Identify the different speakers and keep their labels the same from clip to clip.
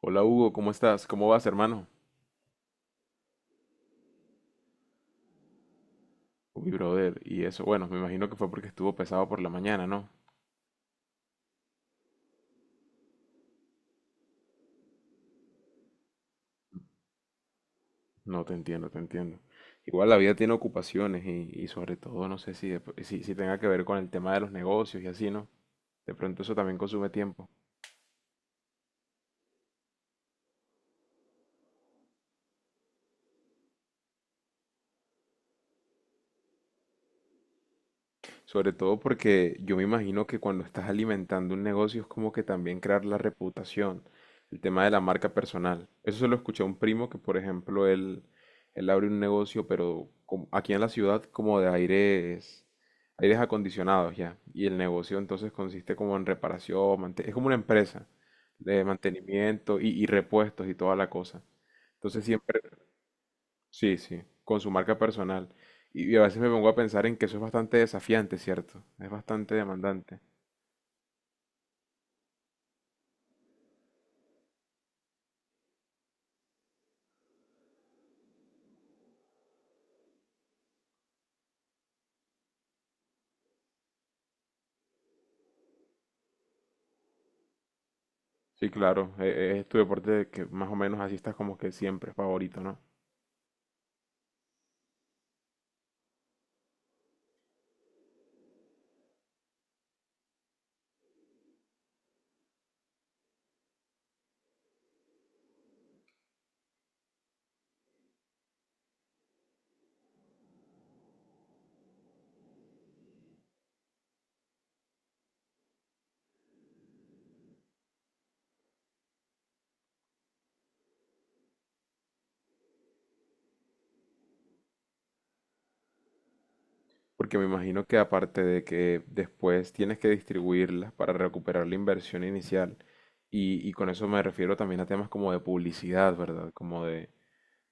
Speaker 1: Hola Hugo, ¿cómo estás? ¿Cómo vas, hermano? Uy, brother, y eso, bueno, me imagino que fue porque estuvo pesado por la mañana, ¿no? No, te entiendo, te entiendo. Igual la vida tiene ocupaciones y sobre todo no sé si, si, si tenga que ver con el tema de los negocios y así, ¿no? De pronto eso también consume tiempo. Sobre todo porque yo me imagino que cuando estás alimentando un negocio es como que también crear la reputación, el tema de la marca personal. Eso se lo escuché a un primo que, por ejemplo, él abre un negocio, pero aquí en la ciudad como de aires, aires acondicionados ya. Y el negocio entonces consiste como en reparación, es como una empresa de mantenimiento y repuestos y toda la cosa. Entonces siempre, sí, sí, con su marca personal. Y a veces me pongo a pensar en que eso es bastante desafiante, ¿cierto? Es bastante demandante. Sí, claro, es tu deporte de que más o menos así estás como que siempre favorito, ¿no? Porque me imagino que aparte de que después tienes que distribuirlas para recuperar la inversión inicial, y con eso me refiero también a temas como de publicidad, ¿verdad? Como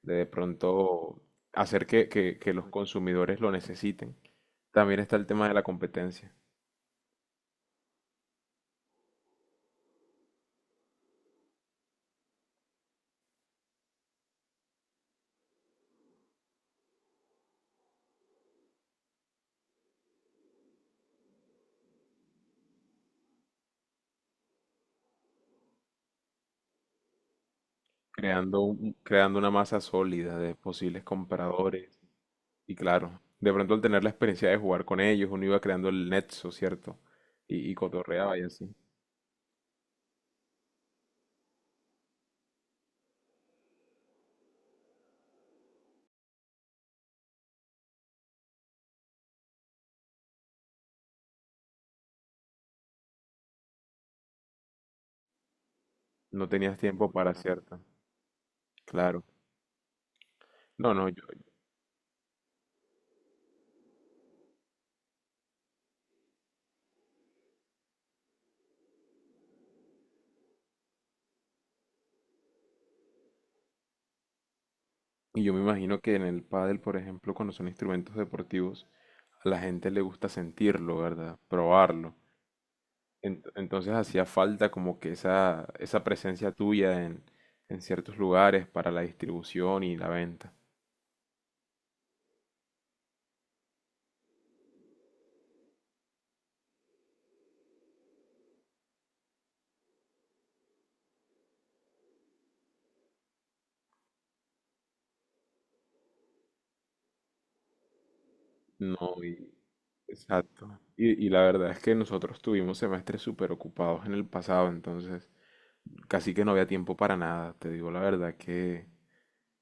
Speaker 1: de pronto hacer que que los consumidores lo necesiten. También está el tema de la competencia. Creando, creando una masa sólida de posibles compradores. Y claro, de pronto al tener la experiencia de jugar con ellos, uno iba creando el nexo, ¿cierto? Y cotorreaba y así. No tenías tiempo para cierta. Claro. No, no, yo, y yo me imagino que en el pádel, por ejemplo, cuando son instrumentos deportivos, a la gente le gusta sentirlo, ¿verdad? Probarlo. Entonces hacía falta como que esa presencia tuya en ciertos lugares para la distribución y la venta. No, y, exacto. Y la verdad es que nosotros tuvimos semestres súper ocupados en el pasado, entonces casi que no había tiempo para nada. Te digo la verdad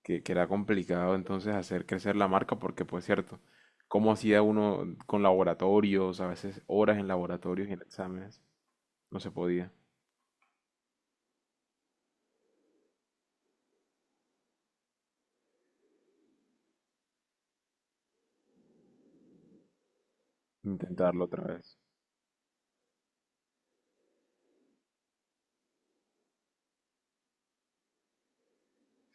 Speaker 1: que era complicado entonces hacer crecer la marca porque, pues cierto, cómo hacía uno con laboratorios, a veces horas en laboratorios y en exámenes, no se podía intentarlo otra vez.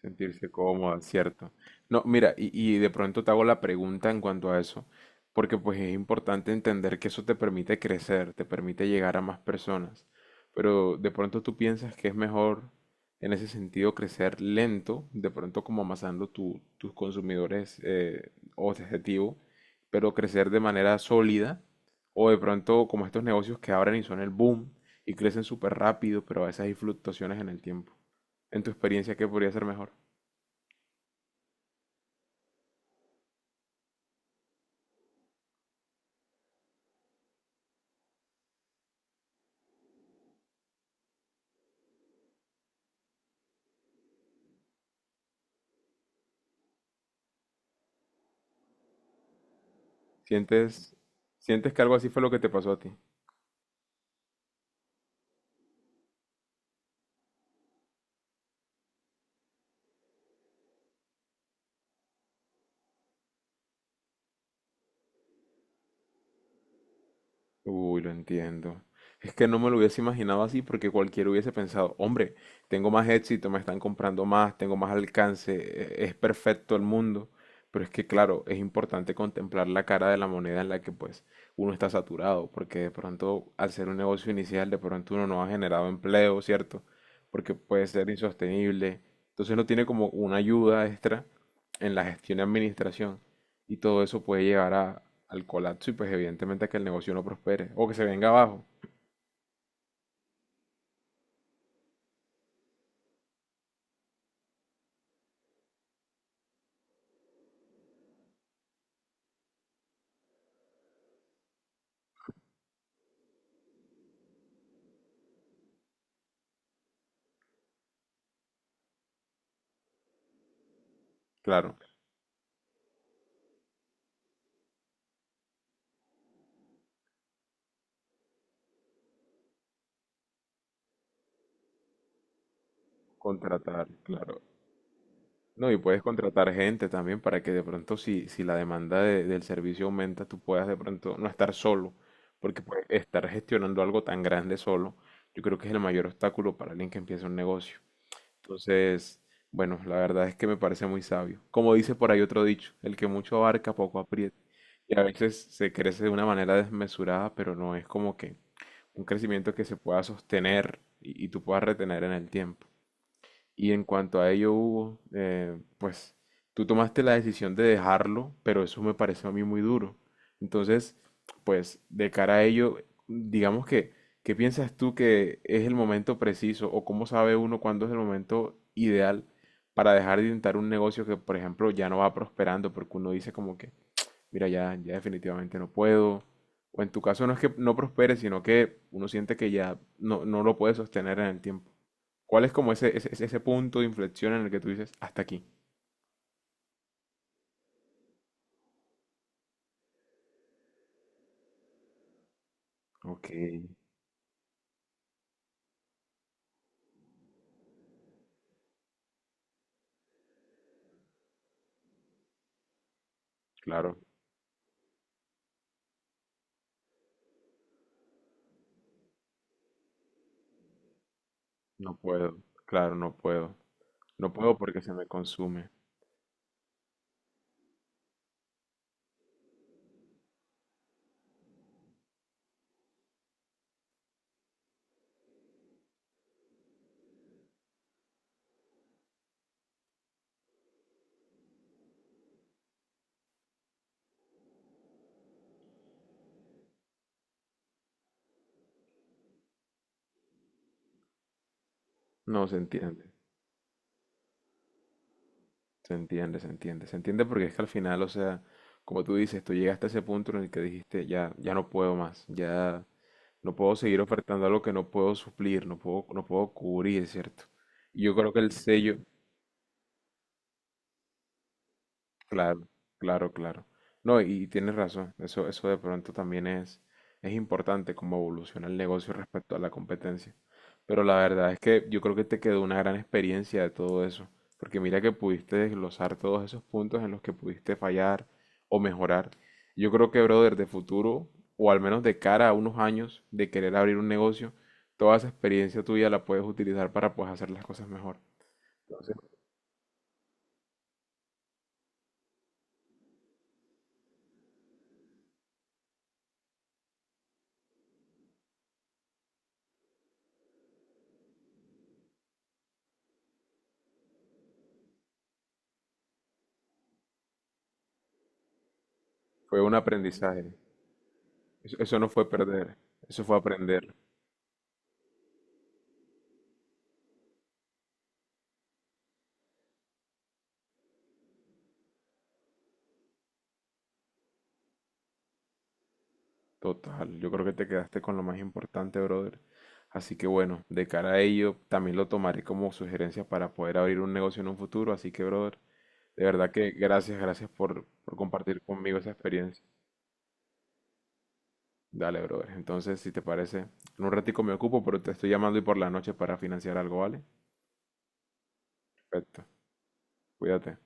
Speaker 1: Sentirse cómoda, cierto. No, mira, y de pronto te hago la pregunta en cuanto a eso, porque pues es importante entender que eso te permite crecer, te permite llegar a más personas, pero de pronto tú piensas que es mejor en ese sentido crecer lento, de pronto como amasando tus consumidores objetivo, pero crecer de manera sólida, o de pronto como estos negocios que abren y son el boom y crecen súper rápido, pero a veces hay fluctuaciones en el tiempo. En tu experiencia, ¿qué podría ser mejor? ¿Sientes, sientes que algo así fue lo que te pasó a ti? Uy, lo entiendo. Es que no me lo hubiese imaginado así porque cualquiera hubiese pensado, hombre, tengo más éxito, me están comprando más, tengo más alcance, es perfecto el mundo. Pero es que, claro, es importante contemplar la cara de la moneda en la que pues uno está saturado, porque de pronto al ser un negocio inicial, de pronto uno no ha generado empleo, ¿cierto? Porque puede ser insostenible. Entonces no tiene como una ayuda extra en la gestión y administración. Y todo eso puede llegar a, al colapso y pues evidentemente a que el negocio no prospere o que se venga abajo. Claro, contratar, claro. No, y puedes contratar gente también para que de pronto si, si la demanda del servicio aumenta, tú puedas de pronto no estar solo, porque pues estar gestionando algo tan grande solo, yo creo que es el mayor obstáculo para alguien que empieza un negocio. Entonces, bueno, la verdad es que me parece muy sabio. Como dice por ahí otro dicho, el que mucho abarca, poco aprieta. Y a veces se crece de una manera desmesurada, pero no es como que un crecimiento que se pueda sostener y tú puedas retener en el tiempo. Y en cuanto a ello, Hugo, pues tú tomaste la decisión de dejarlo, pero eso me pareció a mí muy duro. Entonces, pues de cara a ello, digamos que, ¿qué piensas tú que es el momento preciso o cómo sabe uno cuándo es el momento ideal para dejar de intentar un negocio que, por ejemplo, ya no va prosperando? Porque uno dice como que, mira, ya, ya definitivamente no puedo. O en tu caso no es que no prospere, sino que uno siente que ya no, no lo puede sostener en el tiempo. ¿Cuál es como ese, ese punto de inflexión en el que tú dices, hasta aquí? Ok, claro, no puedo, claro, no puedo. No puedo porque se me consume. No, se entiende, se entiende, se entiende. Se entiende porque es que al final, o sea, como tú dices, tú llegaste a ese punto en el que dijiste, ya, ya no puedo más, ya no puedo seguir ofertando algo que no puedo suplir, no puedo, no puedo cubrir, ¿cierto? Y yo creo que el sello, claro, claro, claro. No, y tienes razón, eso de pronto también es importante como evoluciona el negocio respecto a la competencia. Pero la verdad es que yo creo que te quedó una gran experiencia de todo eso, porque mira que pudiste desglosar todos esos puntos en los que pudiste fallar o mejorar. Yo creo que, brother, de futuro, o al menos de cara a unos años de querer abrir un negocio, toda esa experiencia tuya la puedes utilizar para pues hacer las cosas mejor. Entonces, fue un aprendizaje. Eso no fue perder, eso fue aprender. Total, yo creo que te quedaste con lo más importante, brother. Así que bueno, de cara a ello, también lo tomaré como sugerencia para poder abrir un negocio en un futuro. Así que, brother, de verdad que gracias, gracias por compartir conmigo esa experiencia. Dale, brother. Entonces, si te parece, en un ratico me ocupo, pero te estoy llamando y por la noche para financiar algo, ¿vale? Perfecto, cuídate.